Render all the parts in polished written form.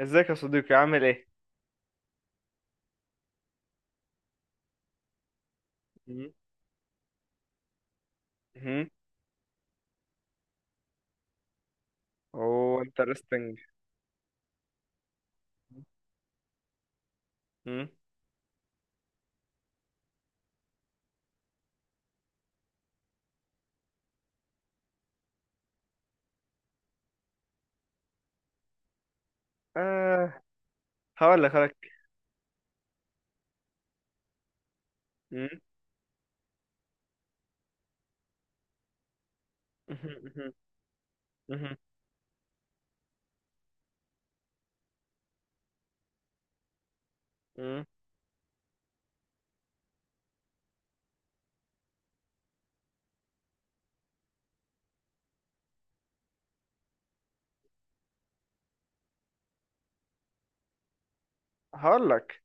ازيك يا صديقي عامل ايه؟ مم. مهم. اوه انترستنج. آه. هقول لك هقول لك.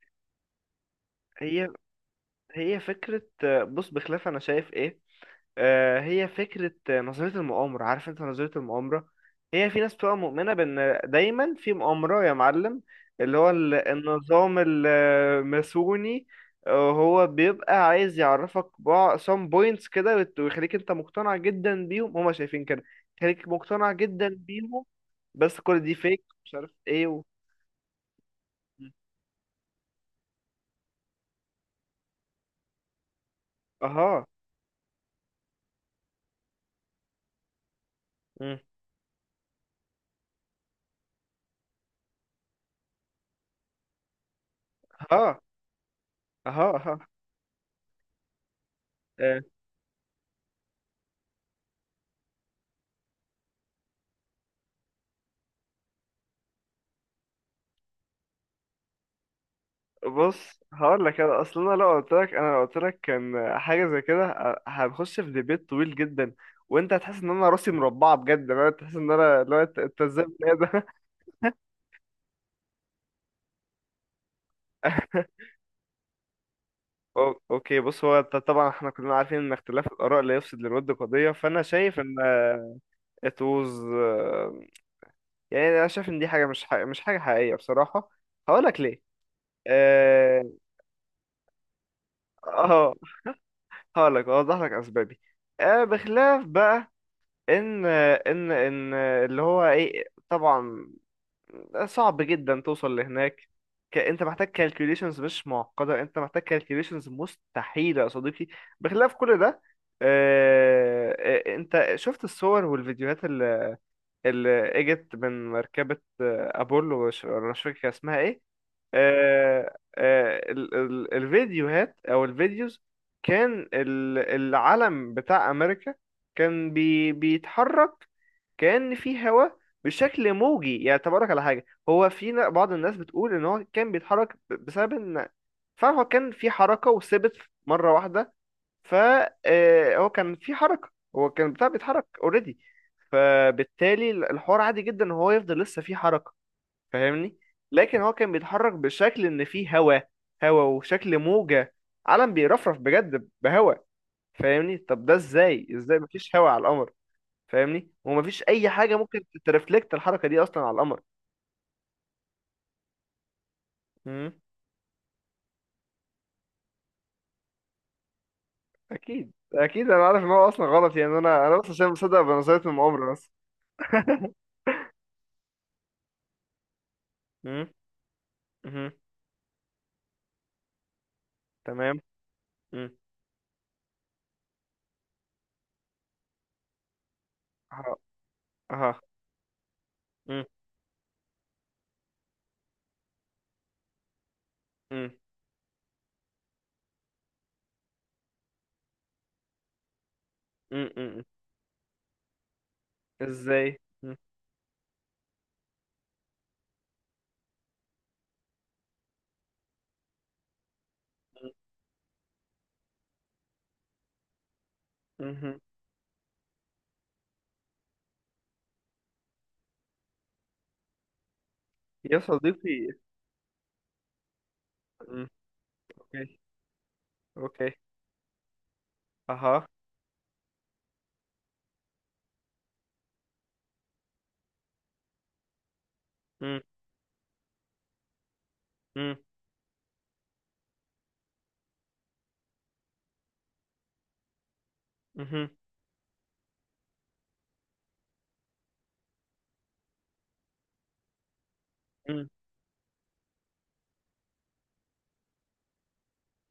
هي هي فكرة، بص بخلاف انا شايف ايه. هي فكرة، نظرية المؤامرة، عارف انت نظرية المؤامرة. هي في ناس بتبقى مؤمنة بان دايما في مؤامرة يا معلم. اللي هو النظام الماسوني. هو بيبقى عايز يعرفك بعض some points كده ويخليك انت مقتنع جدا بيهم، هما شايفين كده. يخليك مقتنع جدا بيهم. بس كل دي فيك مش عارف ايه اها. اها. اها. اها. بص هقول لك. انا اصل انا لو قلت لك انا لو قلت لك كان حاجه زي كده هنخش في ديبيت طويل جدا، وانت هتحس ان انا راسي مربعه بجد. انا تحس ان انا لو انت أنت ازاي بتلاقي ده؟ اوكي بص. هو طبعا احنا كلنا عارفين ان اختلاف الاراء لا يفسد للود قضيه، فانا شايف ان it was، يعني انا شايف ان دي حاجه مش حاجة مش حاجه حقيقيه بصراحه. هقول لك ليه. اه. آه، هقول لك اوضح لك اسبابي. آه، بخلاف بقى ان اللي هو ايه، طبعا صعب جدا توصل لهناك. انت محتاج كالكوليشنز مش معقده، انت محتاج كالكوليشنز مستحيله يا صديقي. بخلاف كل ده، آه... آه، انت شفت الصور والفيديوهات اللي اجت من مركبه، ابولو، مش فاكر كان اسمها ايه. الفيديوهات او الفيديوز، كان العلم بتاع امريكا كان بيتحرك كأن في هواء، بشكل موجي. يعني تبارك على حاجة، هو في بعض الناس بتقول ان هو كان بيتحرك بسبب ان فعلا هو كان في حركة وثبت مرة واحدة، فهو كان في حركة. هو كان بتاع بيتحرك اوريدي، فبالتالي الحوار عادي جدا ان هو يفضل لسه في حركة. فاهمني؟ لكن هو كان بيتحرك بشكل ان في هواء، هواء وشكل موجة، علم بيرفرف بجد بهواء. فاهمني؟ طب ده ازاي؟ ازاي مفيش هواء على القمر؟ فاهمني؟ ومفيش اي حاجه ممكن ترفلكت الحركه دي اصلا على القمر. امم. اكيد اكيد، انا عارف ان هو اصلا غلط، يعني انا انا بس عشان مصدق بنظريه المؤامره بس. مم. مهم. تمام. مم. اها. اها. مم. مم. مم. مم. ازاي؟ مم. مهم. يا صديقي. مم. اوكي. اوكي. اها. مم. مم. مهم. مم.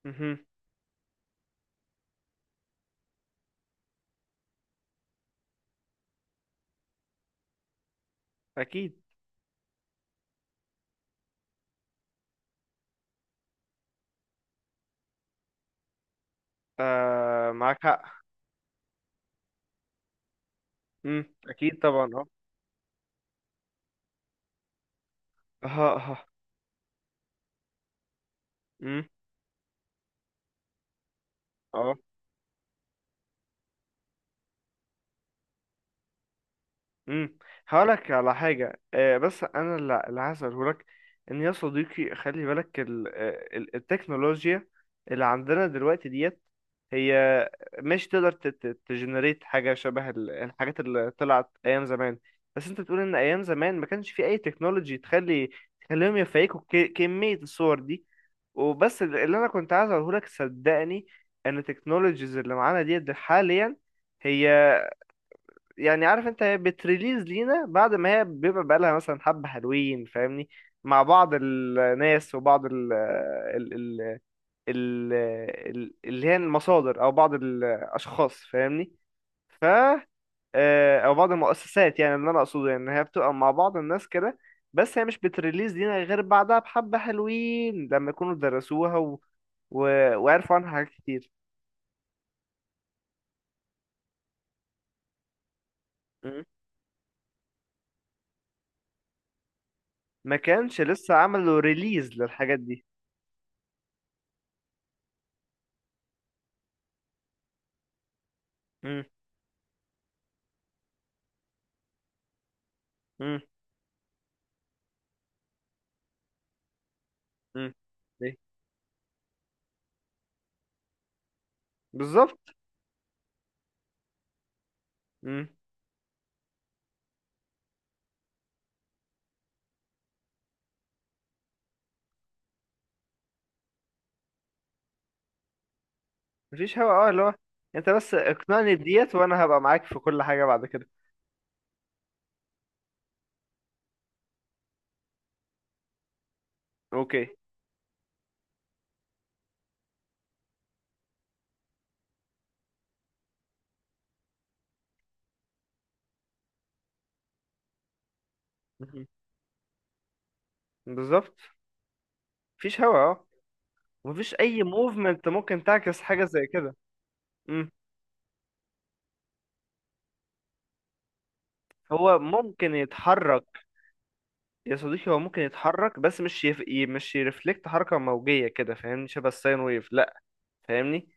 مهم. اكيد. آه، معاك حق. مم. اكيد طبعا اه. اها. اها. مم. اه. امم. هقولك على حاجة، بس أنا اللي اللي هسأله لك، إن يا صديقي، خلي بالك التكنولوجيا اللي عندنا دلوقتي ديت، هي مش تقدر تجنريت حاجة شبه الحاجات اللي طلعت أيام زمان. بس أنت بتقول إن أيام زمان ما كانش في أي تكنولوجي تخلي، كمية الصور دي. وبس اللي أنا كنت عايز أقوله لك، صدقني إن التكنولوجيز اللي معانا ديت حاليا، هي، يعني عارف انت، هي بتريليز لينا بعد ما هي بيبقى بقالها مثلا حبة حلوين. فاهمني؟ مع بعض الناس وبعض ال اللي هي المصادر او بعض الاشخاص. فاهمني؟ ف آه، او بعض المؤسسات. يعني اللي انا اقصده يعني، إن هي بتبقى مع بعض الناس كده، بس هي مش بتريليز لينا غير بعدها بحبة حلوين، لما يكونوا درسوها و... وعرفوا عنها حاجات كتير. مم. ما كانش لسه عملوا ريليز للحاجات دي. مم. مم. مم. إيه؟ بالظبط. مم. مفيش هوا اه، اللي هو انت بس اقنعني بديت، وانا هبقى معاك في كل حاجه بعد كده. اوكي. مهم. بالظبط. مفيش هوا اه. مفيش اي موفمنت ممكن تعكس حاجه زي كده. مم. هو ممكن يتحرك، يا صديقي هو ممكن يتحرك، بس مش يف... ي- مش يرفلكت حركه موجيه كده. فاهمني؟ شبه الساين ويف. لا، فاهمني؟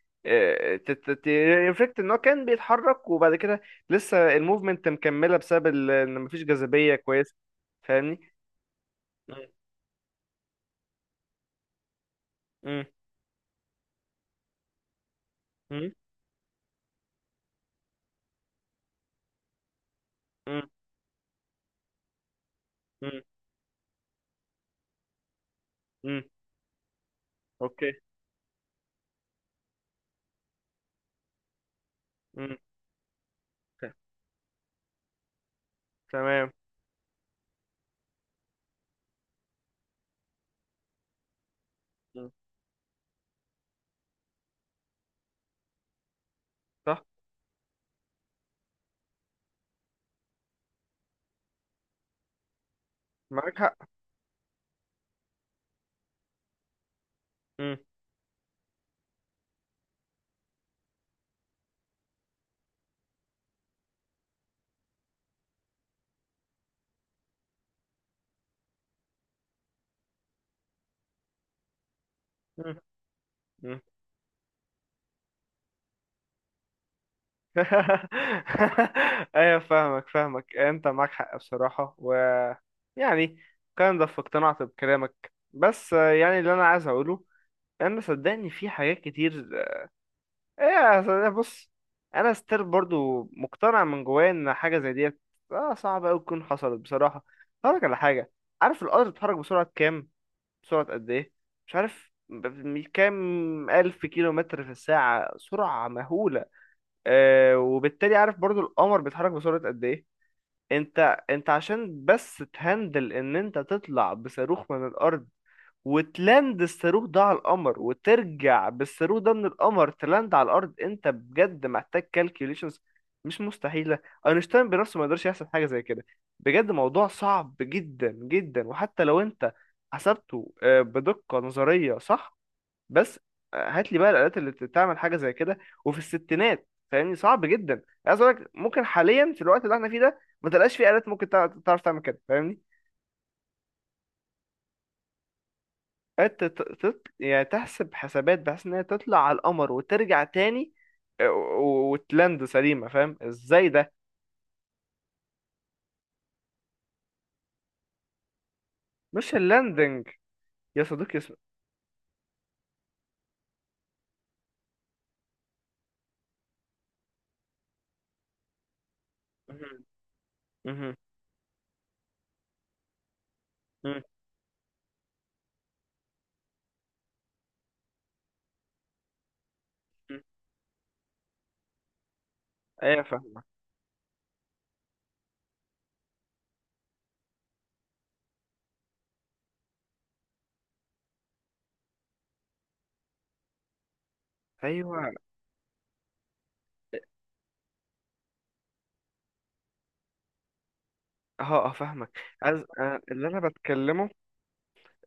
ريفلكت ان هو كان بيتحرك، وبعد كده لسه الموفمنت مكمله بسبب ان مفيش جاذبيه كويسه. فاهمني؟ مم. مم. مم. مم. مم. مم. اوكي. مم. ت- تمام. مم. صح. معاك حق. مم. مم. مم. ايوه فاهمك انت معاك حق بصراحة. و يعني كان ده في، اقتنعت بكلامك. بس، يعني اللي انا عايز اقوله، انا صدقني في حاجات كتير. ايه، صدقني، بص، انا ستيل برضو مقتنع من جوايا ان حاجة زي ديت، آه، صعب اوي تكون حصلت بصراحة. هقولك على حاجة، عارف القطر بيتحرك بسرعة كام؟ بسرعة قد إيه؟ مش عارف كام ألف كيلو متر في الساعة، سرعة مهولة. آه، وبالتالي عارف برضو القمر بيتحرك بسرعة قد إيه؟ أنت عشان بس تهندل إن أنت تطلع بصاروخ من الأرض، وتلاند الصاروخ ده على القمر، وترجع بالصاروخ ده من القمر تلاند على الارض، انت بجد محتاج كالكوليشنز مش مستحيله. اينشتاين بنفسه ما يقدرش يحسب حاجه زي كده، بجد موضوع صعب جدا جدا. وحتى لو انت حسبته، بدقه نظريه صح، بس، هات لي بقى الالات اللي تعمل حاجه زي كده، وفي الستينات. فاهمني؟ صعب جدا. عايز اقول لك ممكن حاليا في الوقت اللي احنا فيه ده ما تلقاش فيه الات ممكن تعرف تعمل كده. فاهمني؟ انت يعني تحسب حسابات بحيث ان هي تطلع على القمر وترجع تاني، وتلاند سليمة. فاهم ازاي ده؟ مش اللاندنج يا صديقي، مهم. مهم. مهم. مهم. ايوه فاهمك. ايوه اه اه فاهمك. عايز، اللي انا بتكلمه،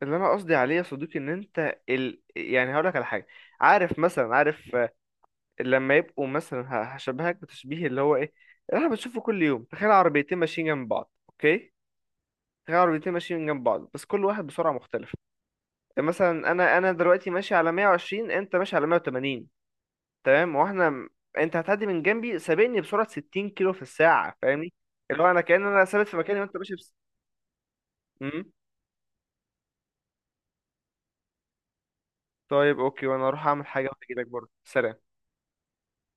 اللي انا قصدي عليه يا صديقي، ان انت يعني هقول لك على حاجه. عارف مثلا، عارف، لما يبقوا مثلا هشبهك بتشبيه اللي هو ايه، اللي احنا بنشوفه كل يوم. تخيل عربيتين ماشيين جنب بعض، اوكي؟ هي عربيتين ماشيين من جنب بعض بس كل واحد بسرعة مختلفة. يعني مثلا انا انا دلوقتي ماشي على 120، انت ماشي على 180. تمام؟ انت هتعدي من جنبي سابقني بسرعة 60 كيلو في الساعة. فاهمني؟ اللي هو انا كأن انا ثابت في مكاني، وانت ماشي بس. امم. طيب اوكي، وانا اروح اعمل حاجة واجي لك برضه. سلام.